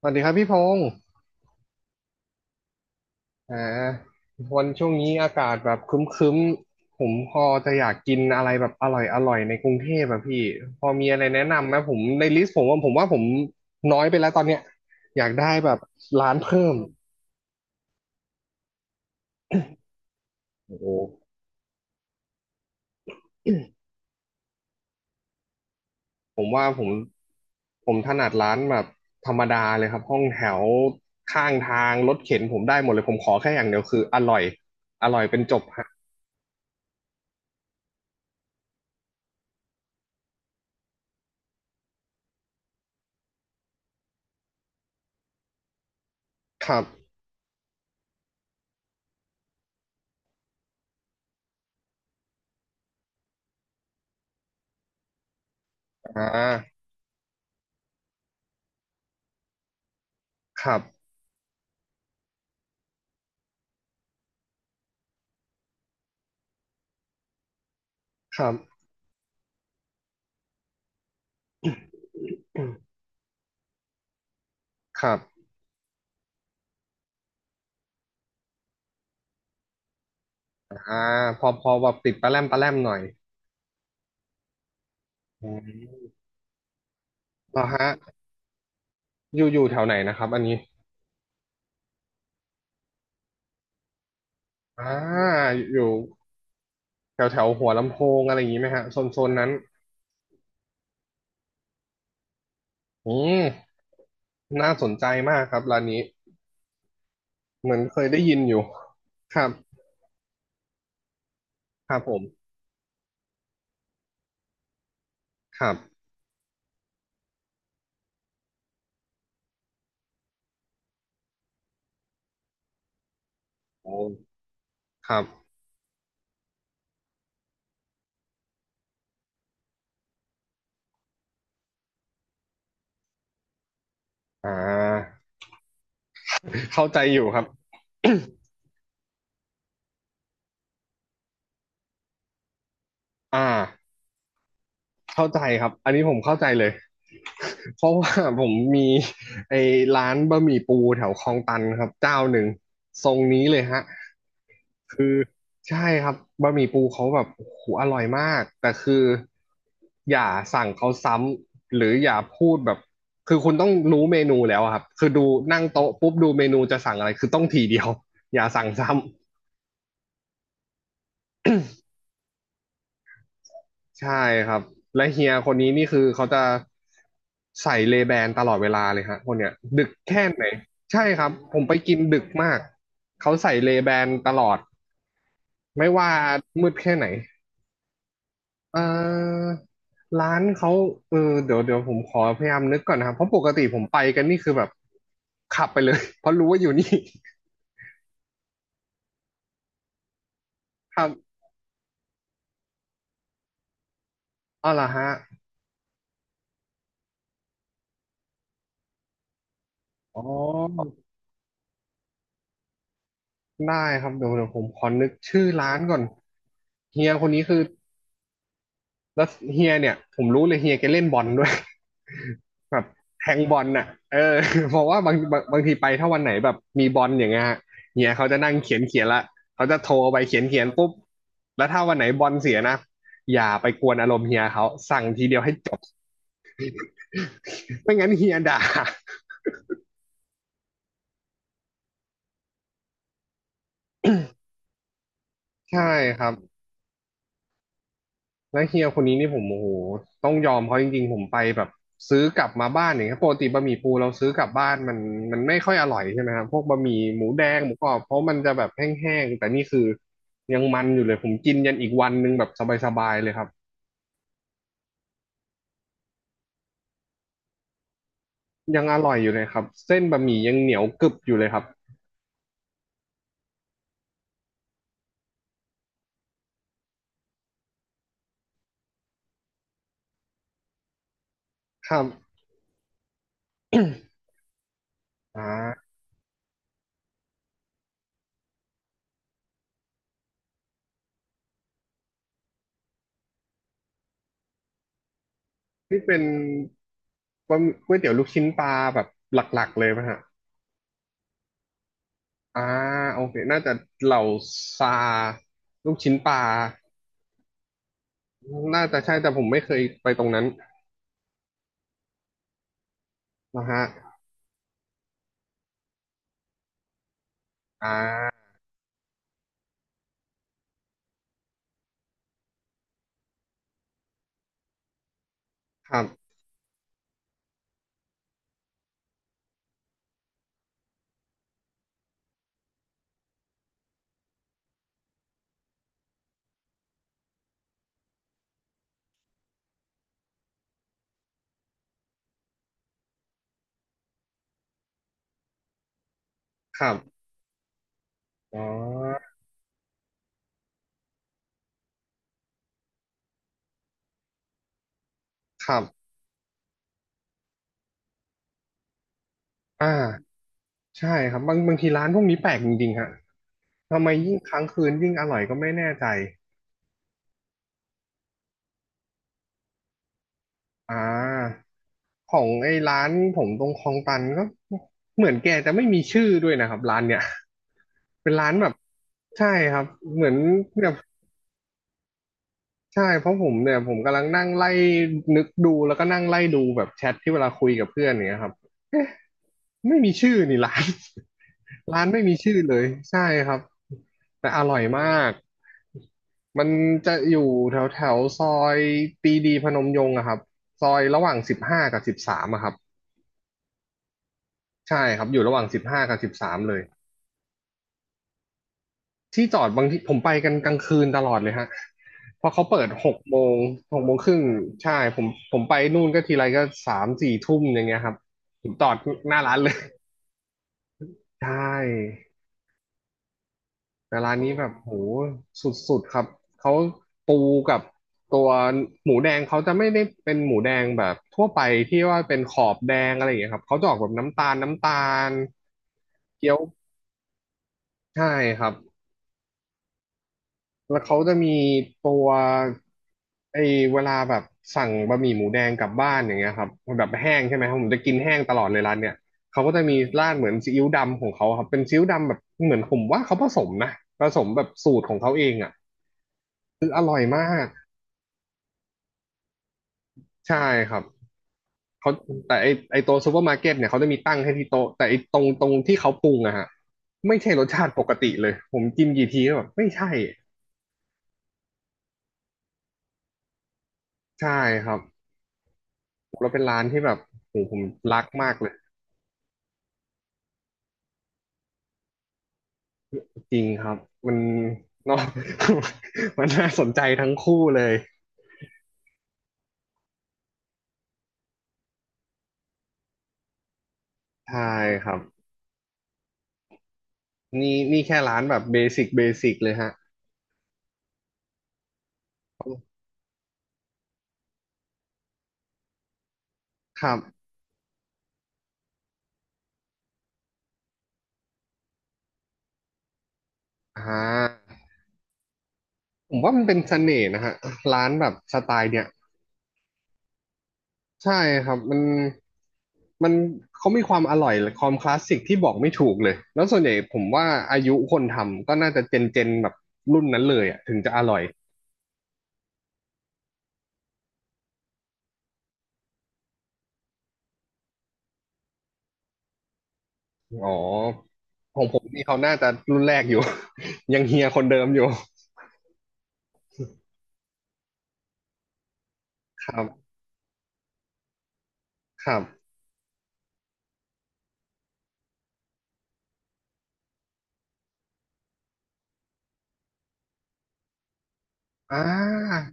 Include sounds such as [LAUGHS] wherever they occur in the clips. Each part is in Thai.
สวัสดีครับพี่พงศ์อ่าวันช่วงนี้อากาศแบบครึ้มๆผมพอจะอยากกินอะไรแบบอร่อยอร่อยในกรุงเทพอะพี่พอมีอะไรแนะนำไหมผมในลิสต์ผมว่าผมน้อยไปแล้วตอนเนี้ยอยากได้แบบร้านเพิ่มโอ้โหผมว่าผมผมถนัดร้านแบบธรรมดาเลยครับห้องแถวข้างทางรถเข็นผมได้หมดเลยผมขอแค่อย่างเดียวคืออร่อยอร่อยเป็นจบฮะครับอ่าครับครับ [COUGHS] ครับ อ่าพอแบบติดปลาแรมปลาแรมหน่อยอืมเหรอฮะอยู่แถวไหนนะครับอันนี้อ่าอยู่แถวแถวหัวลำโพงอะไรอย่างนี้ไหมฮะโซนนั้นอืมน่าสนใจมากครับร้านนี้เหมือนเคยได้ยินอยู่ครับครับผมครับโอ้ครับอ่าเข้าใจอยู่ครับ [COUGHS] อ่า เข้าใจครับอันนี้ผมเข้าใจเลย [LAUGHS] เพราะว่าผมมี [LAUGHS] ไอ้ร้านบะหมี่ปูแถวคลองตันครับเจ้าหนึ่งทรงนี้เลยฮะใช่ครับบะหมี่ปูเขาแบบโอ้โหอร่อยมากแต่คืออย่าสั่งเขาซ้ำหรืออย่าพูดแบบคือคุณต้องรู้เมนูแล้วอะครับคือดูนั่งโต๊ะปุ๊บดูเมนูจะสั่งอะไรคือต้องทีเดียว [LAUGHS] อย่าสั่งซ้ำ ใช่ครับและเฮียคนนี้นี่คือเขาจะใส่เลแบนตลอดเวลาเลยฮะคนเนี้ยดึกแค่ไหนใช่ครับผมไปกินดึกมากเขาใส่เลแบนตลอดไม่ว่ามืดแค่ไหนเอ่อร้านเขาเออเดี๋ยวผมขอพยายามนึกก่อนนะครับเพราะปกติผมไปกันนี่คือแบบขับไปเลย [LAUGHS] เพราะรู้ว่าอยู่นี่ [LAUGHS] ครับเอาล่ะฮะอ๋อได้ครับเดี๋ยวผมขอนึกชื่อร้านก่อนเฮียคนนี้คือ แล้วเฮียเนี่ยผมรู้เลยเฮียแกเล่นบอลด้วย [LAUGHS] แบบแทงบอลน่ะเออ [LAUGHS] เพราะว่าบางทีไปถ้าวันไหนแบบมีบอลอย่างเงี้ยฮะเฮียเขาจะนั่งเขียนเขียนละเขาจะโทรไปเขียนเขียนปุ๊บแล้วถ้าวันไหนบอลเสียนะอย่าไปกวนอารมณ์เฮียเขาสั่งทีเดียวให้จบไม่งั้นเฮียด่า [LAUGHS] ใช่ครับ แล้วเฮียคนนี้นี่ผมโอ้โหต้องยอมเขาจริงๆผมไปแบบซื้อกลับมาบ้านอย่างเงี้ยปกติบะหมี่ปูเราซื้อกลับบ้านมันไม่ค่อยอร่อยใช่ไหมครับพวกบะหมี่หมูแดงหมูกรอบเพราะมันจะแบบแห้งๆแต่นี่คือยังมันอยู่เลยผมกินยันอีกวันหนึงแบบสบายๆเลยครับยังอร่อยอยู่เลยครับเส้นบะหมี่ยังเหนียวกรึบอยู่เลยครับครับ [COUGHS] อ่านี่เป็นบะหมี่ก๋วยเตี๋ยวลูกชิ้นปลาแบบหลักๆเลยไหมฮะอ่าโอเคน่าจะเหล่าซาลูกชิ้นปลา น่าจะใช่แต่ผมไม่เคยไปตรงนั้นนะฮะอ่าครับครับอ๋อครับอ่าใช่ครับบางทีร้านพวกนี้แปลกจริงๆฮะทำไมยิ่งค้างคืนยิ่งอร่อยก็ไม่แน่ใจอ่าของไอ้ร้านผมตรงคลองตันก็เหมือนแกจะไม่มีชื่อด้วยนะครับร้านเนี่ยเป็นร้านแบบใช่ครับเหมือนเนี่ย ใช่เพราะผมเนี่ยผมกำลังนั่งไล่นึกดูแล้วก็นั่งไล่ดูแบบแชทที่เวลาคุยกับเพื่อนอย่างเงี้ยครับเอ๊ะไม่มีชื่อนี่ร้าน [LAUGHS] ร้านไม่มีชื่อเลยใช่ครับแต่อร่อยมากมันจะอยู่แถวแถวซอยปรีดีพนมยงค์อะครับซอยระหว่างสิบห้ากับสิบสามอะครับใช่ครับอยู่ระหว่างสิบห้ากับสิบสามเลย ที่จอดบางที่ผมไปกันกลางคืนตลอดเลยฮะ เพราะเขาเปิดหกโมง6 โมงครึ่งใช่ผมผมไปนู่นก็ทีไรก็3-4 ทุ่มอย่างเงี้ยครับผมจอดหน้าร้านเลย [LAUGHS] ใช่แต่ร้านนี้แบบโหสุดๆครับเขาปูกับตัวหมูแดงเขาจะไม่ได้เป็นหมูแดงแบบทั่วไปที่ว่าเป็นขอบแดงอะไรอย่างเงี้ยครับเขาจะออกแบบน้ำตาลน้ำตาลเกี๊ยวใช่ครับ แล้วเขาจะมีตัวไอ้เวลาแบบสั่งบะหมี่หมูแดงกลับบ้านอย่างเงี้ยครับมันแบบแห้งใช่ไหมครับผมจะกินแห้งตลอดเลยร้านเนี่ยเขาก็จะมีราดเหมือนซีอิ๊วดำของเขาครับเป็นซีอิ๊วดำแบบเหมือนผมว่าเขาผสมนะผสมแบบสูตรของเขาเองอ่ะคืออร่อยมากใช่ครับเขาแต่ไอตัวซูเปอร์มาร์เก็ตเนี่ยเขาจะมีตั้งให้ที่โต๊ะแต่ไอตรงที่เขาปรุงอะฮะไม่ใช่รสชาติปกติเลยผมกินกี่ทีก็แบบไม่ใช่ใช่ครับแล้วเป็นร้านที่แบบโหผมรักมากเลย จริงครับมัน [LAUGHS] เนอะ [LAUGHS] มันน่าสนใจทั้งคู่เลยใช่ครับนี่นี่แค่ร้านแบบเบสิกเบสิกเลยฮะครับอ่าผมว่ามันเป็นเสน่ห์นะฮะร้านแบบสไตล์เนี่ยใช่ครับมันเขามีความอร่อยและความคลาสสิกที่บอกไม่ถูกเลยแล้วส่วนใหญ่ผมว่าอายุคนทำก็น่าจะเจนแบบรุ่นนั้นเลยอ่ะถึงจะอร่อยอ๋อของผมนี่เขาน่าจะรุ่นแรกอยู่ [LAUGHS] ยังเฮียคนเดิมอยู่ครับครับ อ่า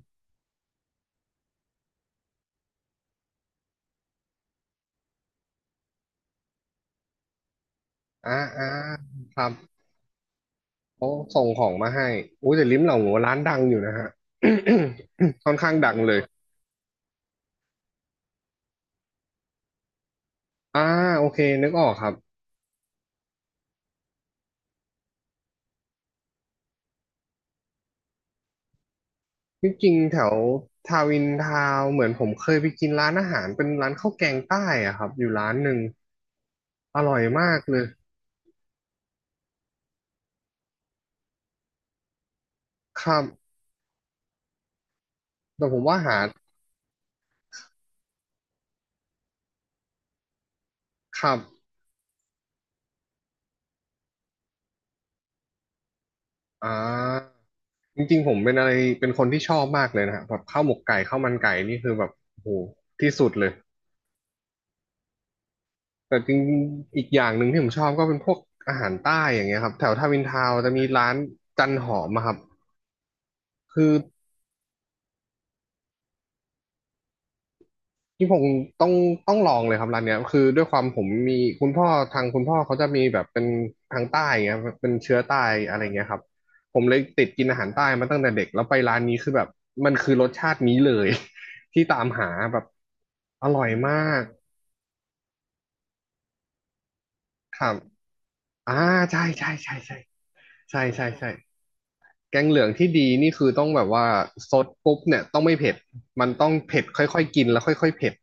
อ่าอ่าครับเขาส่งของมาให้อู้แต่ลิ้มเหล่าหมูร้านดังอยู่นะฮะ [COUGHS] ค่อนข้างดังเลยอ่าโอเคนึกออกครับที่จริงๆแถวทาวินทาวน์เหมือนผมเคยไปกินร้านอาหารเป็นร้านข้าวแกงใต้อะครับอยู่ร้านหนึ่งอร่อยมากเลยครับแต่ผมว่าหาครับอ่าจริงๆผมเป็นอะไรเป็นคนที่ชอบมากเลยนะฮะแบบข้าวหมกไก่ข้าวมันไก่นี่คือแบบโอ้โหที่สุดเลย แต่จริงๆอีกอย่างหนึ่งที่ผมชอบก็เป็นพวกอาหารใต้อย่างเงี้ยครับแถวทาวินทาวน์จะมีร้านจันหอมอะครับคือที่ผมต้องต้องลองเลยครับร้านเนี้ยคือด้วยความผมมีคุณพ่อทางคุณพ่อเขาจะมีแบบเป็นทางใต้อย่างเงี้ยเป็นเชื้อใต้อะไรเงี้ยครับผมเลยติดกินอาหารใต้มาตั้งแต่เด็กแล้วไปร้านนี้คือแบบมันคือรสชาตินี้เลย [LAUGHS] ที่ตามหาแบบอร่อยมากครับอ่าใช่ใช่ใช่ใช่ใช่ใช่ใช่ แกงเหลืองที่ดีนี่คือต้องแบบว่าซดปุ๊บเนี่ยต้องไม่เผ็ดมันต้องเผ็ดค่อยๆกินแล้วค่อยๆเผ็ด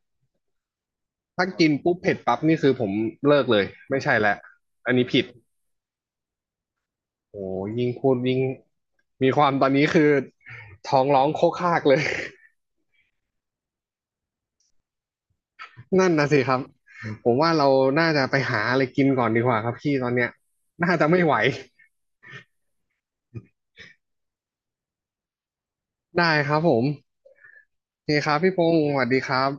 ถ้ากินปุ๊บเผ็ดปั๊บนี่คือผมเลิกเลยไม่ใช่แล้วอันนี้ผิดโอ้ยิ่งพูดยิ่งมีความตอนนี้คือท้องร้องโคกคากเลย [LAUGHS] นั่นนะสิครับผมว่าเราน่าจะไปหาอะไรกินก่อนดีกว่าครับพี่ตอนเนี้ยน่าจะไม่ไหวได้ครับผมโอเคครับพี่พงศ์สวัสดีครับ